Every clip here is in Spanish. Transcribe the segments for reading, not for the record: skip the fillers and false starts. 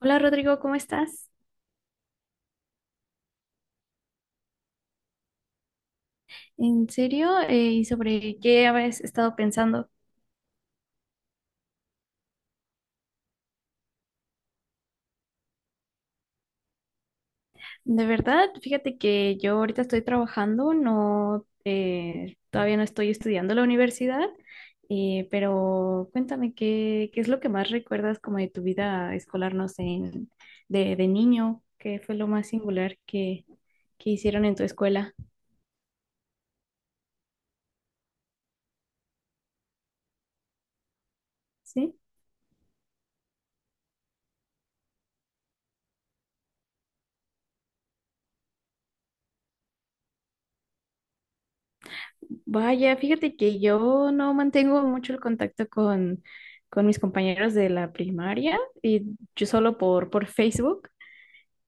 Hola Rodrigo, ¿cómo estás? ¿En serio? ¿Y sobre qué habías estado pensando? De verdad, fíjate que yo ahorita estoy trabajando, no, todavía no estoy estudiando en la universidad, pero cuéntame qué es lo que más recuerdas como de tu vida escolar, no sé, de niño, qué fue lo más singular que hicieron en tu escuela, ¿sí? Vaya, fíjate que yo no mantengo mucho el contacto con mis compañeros de la primaria y yo solo por Facebook,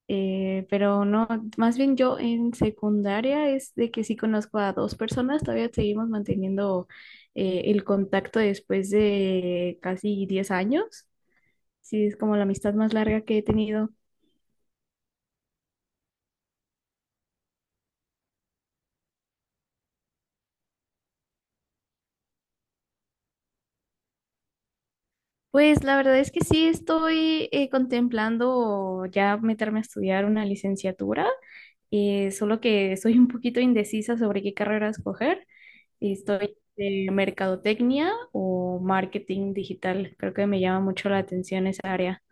pero no, más bien yo en secundaria es de que sí conozco a dos personas, todavía seguimos manteniendo el contacto después de casi 10 años, sí es como la amistad más larga que he tenido. Pues la verdad es que sí estoy contemplando ya meterme a estudiar una licenciatura. Solo que soy un poquito indecisa sobre qué carrera escoger. Estoy de mercadotecnia o marketing digital. Creo que me llama mucho la atención esa área.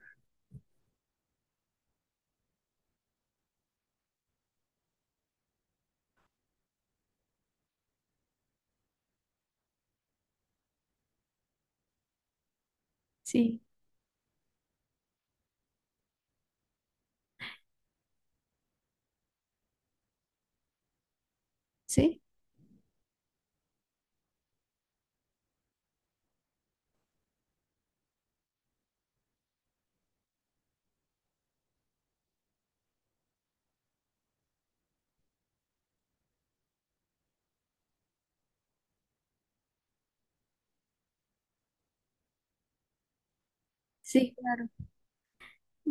Sí, sí, sí, claro.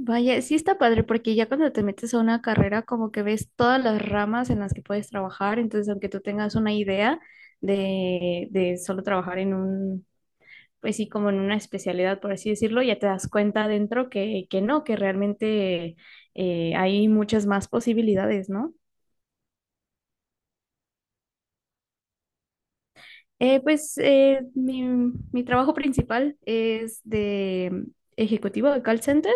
Vaya, sí está padre porque ya cuando te metes a una carrera como que ves todas las ramas en las que puedes trabajar, entonces aunque tú tengas una idea de solo trabajar en un, pues sí, como en una especialidad, por así decirlo, ya te das cuenta adentro que no, que realmente hay muchas más posibilidades, ¿no? Pues mi trabajo principal es de ejecutivo de call center.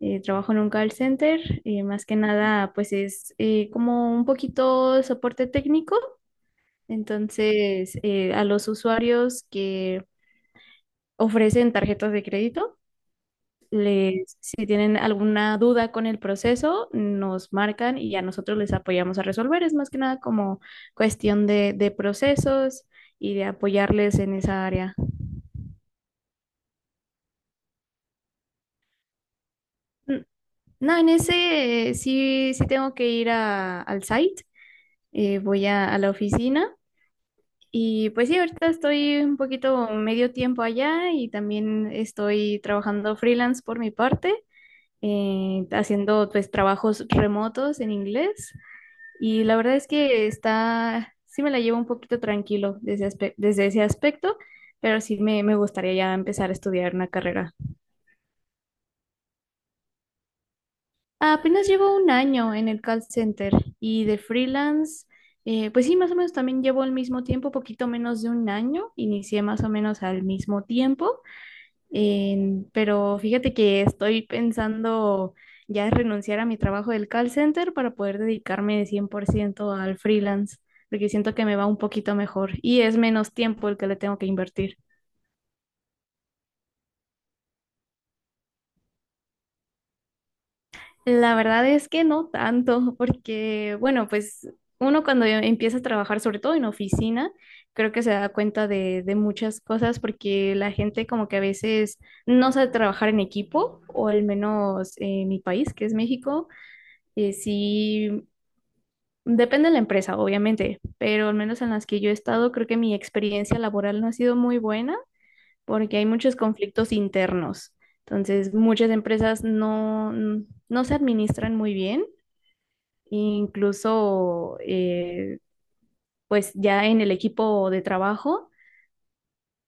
Trabajo en un call center. Más que nada, pues es como un poquito de soporte técnico. Entonces, a los usuarios que ofrecen tarjetas de crédito, les, si tienen alguna duda con el proceso, nos marcan y a nosotros les apoyamos a resolver. Es más que nada como cuestión de procesos y de apoyarles en esa área. N- No, en ese sí, sí tengo que ir al site, voy a la oficina y pues sí, ahorita estoy un poquito medio tiempo allá y también estoy trabajando freelance por mi parte, haciendo pues trabajos remotos en inglés. Y la verdad es que está, sí me la llevo un poquito tranquilo desde, desde ese aspecto, pero sí me gustaría ya empezar a estudiar una carrera. Apenas llevo un año en el call center y de freelance, pues sí, más o menos también llevo el mismo tiempo, poquito menos de un año, inicié más o menos al mismo tiempo. Pero fíjate que estoy pensando ya renunciar a mi trabajo del call center para poder dedicarme de ciento al freelance, porque siento que me va un poquito mejor y es menos tiempo el que le tengo que invertir. La verdad es que no tanto, porque bueno, pues uno cuando ya empieza a trabajar, sobre todo en oficina, creo que se da cuenta de muchas cosas, porque la gente como que a veces no sabe trabajar en equipo, o al menos en mi país, que es México. Sí, depende de la empresa, obviamente, pero al menos en las que yo he estado, creo que mi experiencia laboral no ha sido muy buena porque hay muchos conflictos internos. Entonces, muchas empresas no se administran muy bien, incluso pues ya en el equipo de trabajo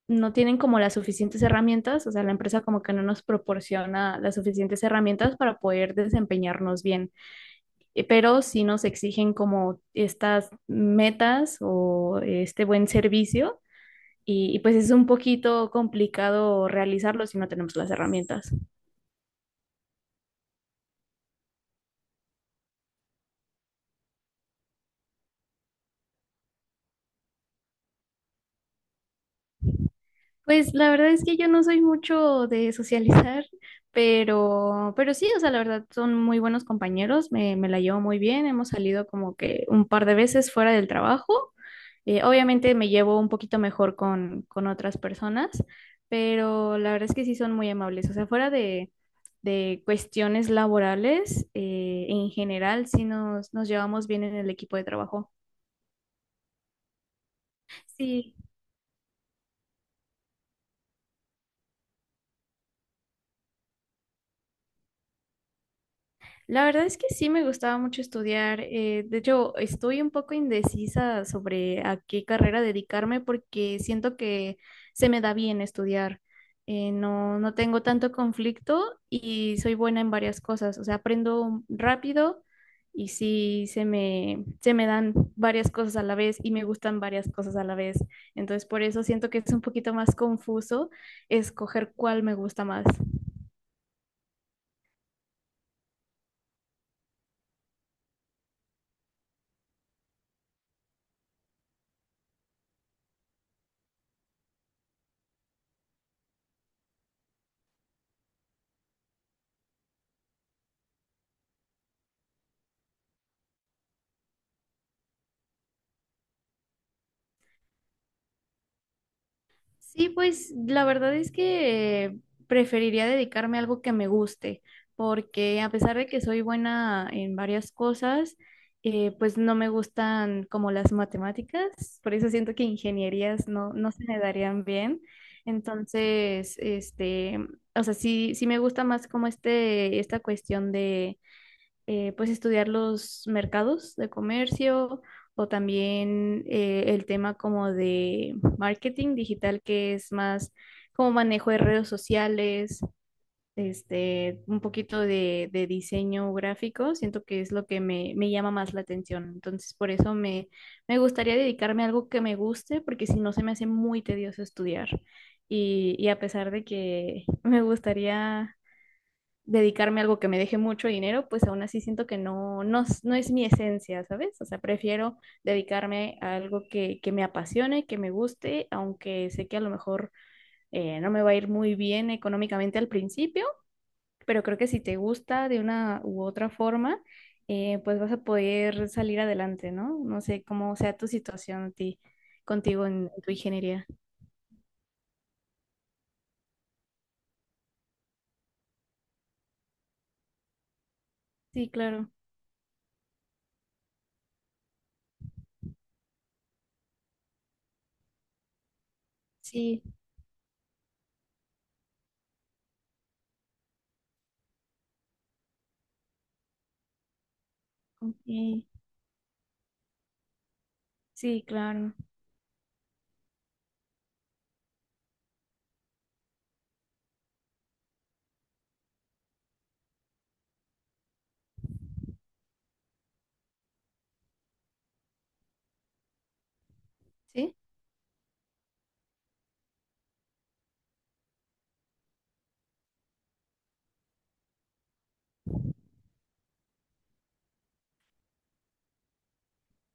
no tienen como las suficientes herramientas, o sea, la empresa como que no nos proporciona las suficientes herramientas para poder desempeñarnos bien. Pero sí nos exigen como estas metas o este buen servicio y pues es un poquito complicado realizarlo si no tenemos las herramientas. Pues la verdad es que yo no soy mucho de socializar, pero sí, o sea, la verdad son muy buenos compañeros, me la llevo muy bien, hemos salido como que un par de veces fuera del trabajo. Obviamente me llevo un poquito mejor con otras personas, pero la verdad es que sí son muy amables, o sea, fuera de cuestiones laborales, en general sí nos llevamos bien en el equipo de trabajo. Sí. La verdad es que sí me gustaba mucho estudiar. De hecho, estoy un poco indecisa sobre a qué carrera dedicarme porque siento que se me da bien estudiar. No, no tengo tanto conflicto y soy buena en varias cosas. O sea, aprendo rápido y sí se me dan varias cosas a la vez y me gustan varias cosas a la vez. Entonces, por eso siento que es un poquito más confuso escoger cuál me gusta más. Sí, pues la verdad es que preferiría dedicarme a algo que me guste, porque a pesar de que soy buena en varias cosas, pues no me gustan como las matemáticas, por eso siento que ingenierías no se me darían bien. Entonces, este, o sea, sí me gusta más como este, esta cuestión pues estudiar los mercados de comercio o también el tema como de marketing digital, que es más como manejo de redes sociales, este, un poquito de diseño gráfico, siento que es lo que me llama más la atención. Entonces, por eso me gustaría dedicarme a algo que me guste, porque si no se me hace muy tedioso estudiar. Y a pesar de que me gustaría dedicarme a algo que me deje mucho dinero, pues aún así siento que no, no, no es mi esencia, ¿sabes? O sea, prefiero dedicarme a algo que me apasione, que me guste, aunque sé que a lo mejor no me va a ir muy bien económicamente al principio, pero creo que si te gusta de una u otra forma, pues vas a poder salir adelante, ¿no? No sé cómo sea tu situación a ti, contigo en tu ingeniería. Sí, claro. Sí, ok. Sí, claro. Sí,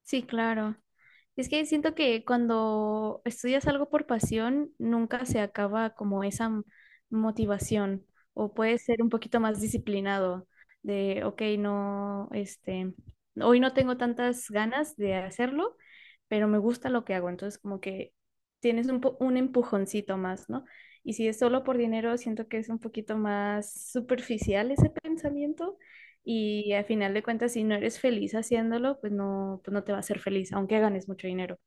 sí, claro. Es que siento que cuando estudias algo por pasión, nunca se acaba como esa motivación o puedes ser un poquito más disciplinado de, ok, no, este, hoy no tengo tantas ganas de hacerlo, pero me gusta lo que hago. Entonces como que tienes un, un empujoncito más, ¿no? Y si es solo por dinero, siento que es un poquito más superficial ese pensamiento y al final de cuentas, si no eres feliz haciéndolo, pues no te va a hacer feliz, aunque ganes mucho dinero.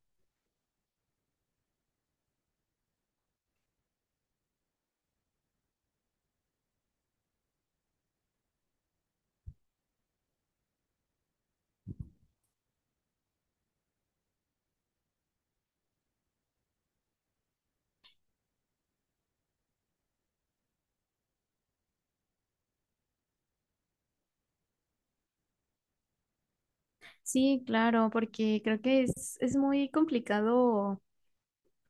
Sí, claro, porque creo que es muy complicado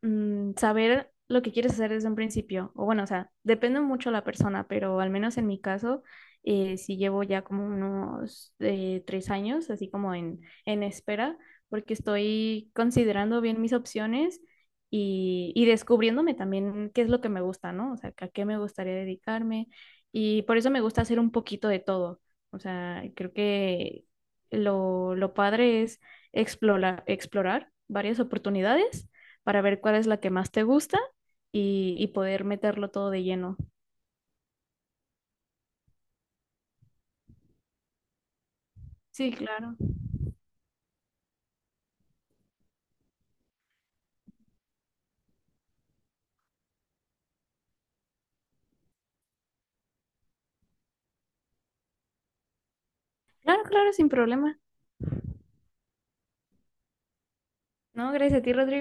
saber lo que quieres hacer desde un principio. O bueno, o sea, depende mucho la persona, pero al menos en mi caso, sí llevo ya como unos 3 años, así como en espera, porque estoy considerando bien mis opciones y descubriéndome también qué es lo que me gusta, ¿no? O sea, que a qué me gustaría dedicarme. Y por eso me gusta hacer un poquito de todo. O sea, creo que lo padre es explorar, explorar varias oportunidades para ver cuál es la que más te gusta y poder meterlo todo de lleno. Sí, claro. Claro, claro, sin problema. No, gracias a ti, Rodrigo.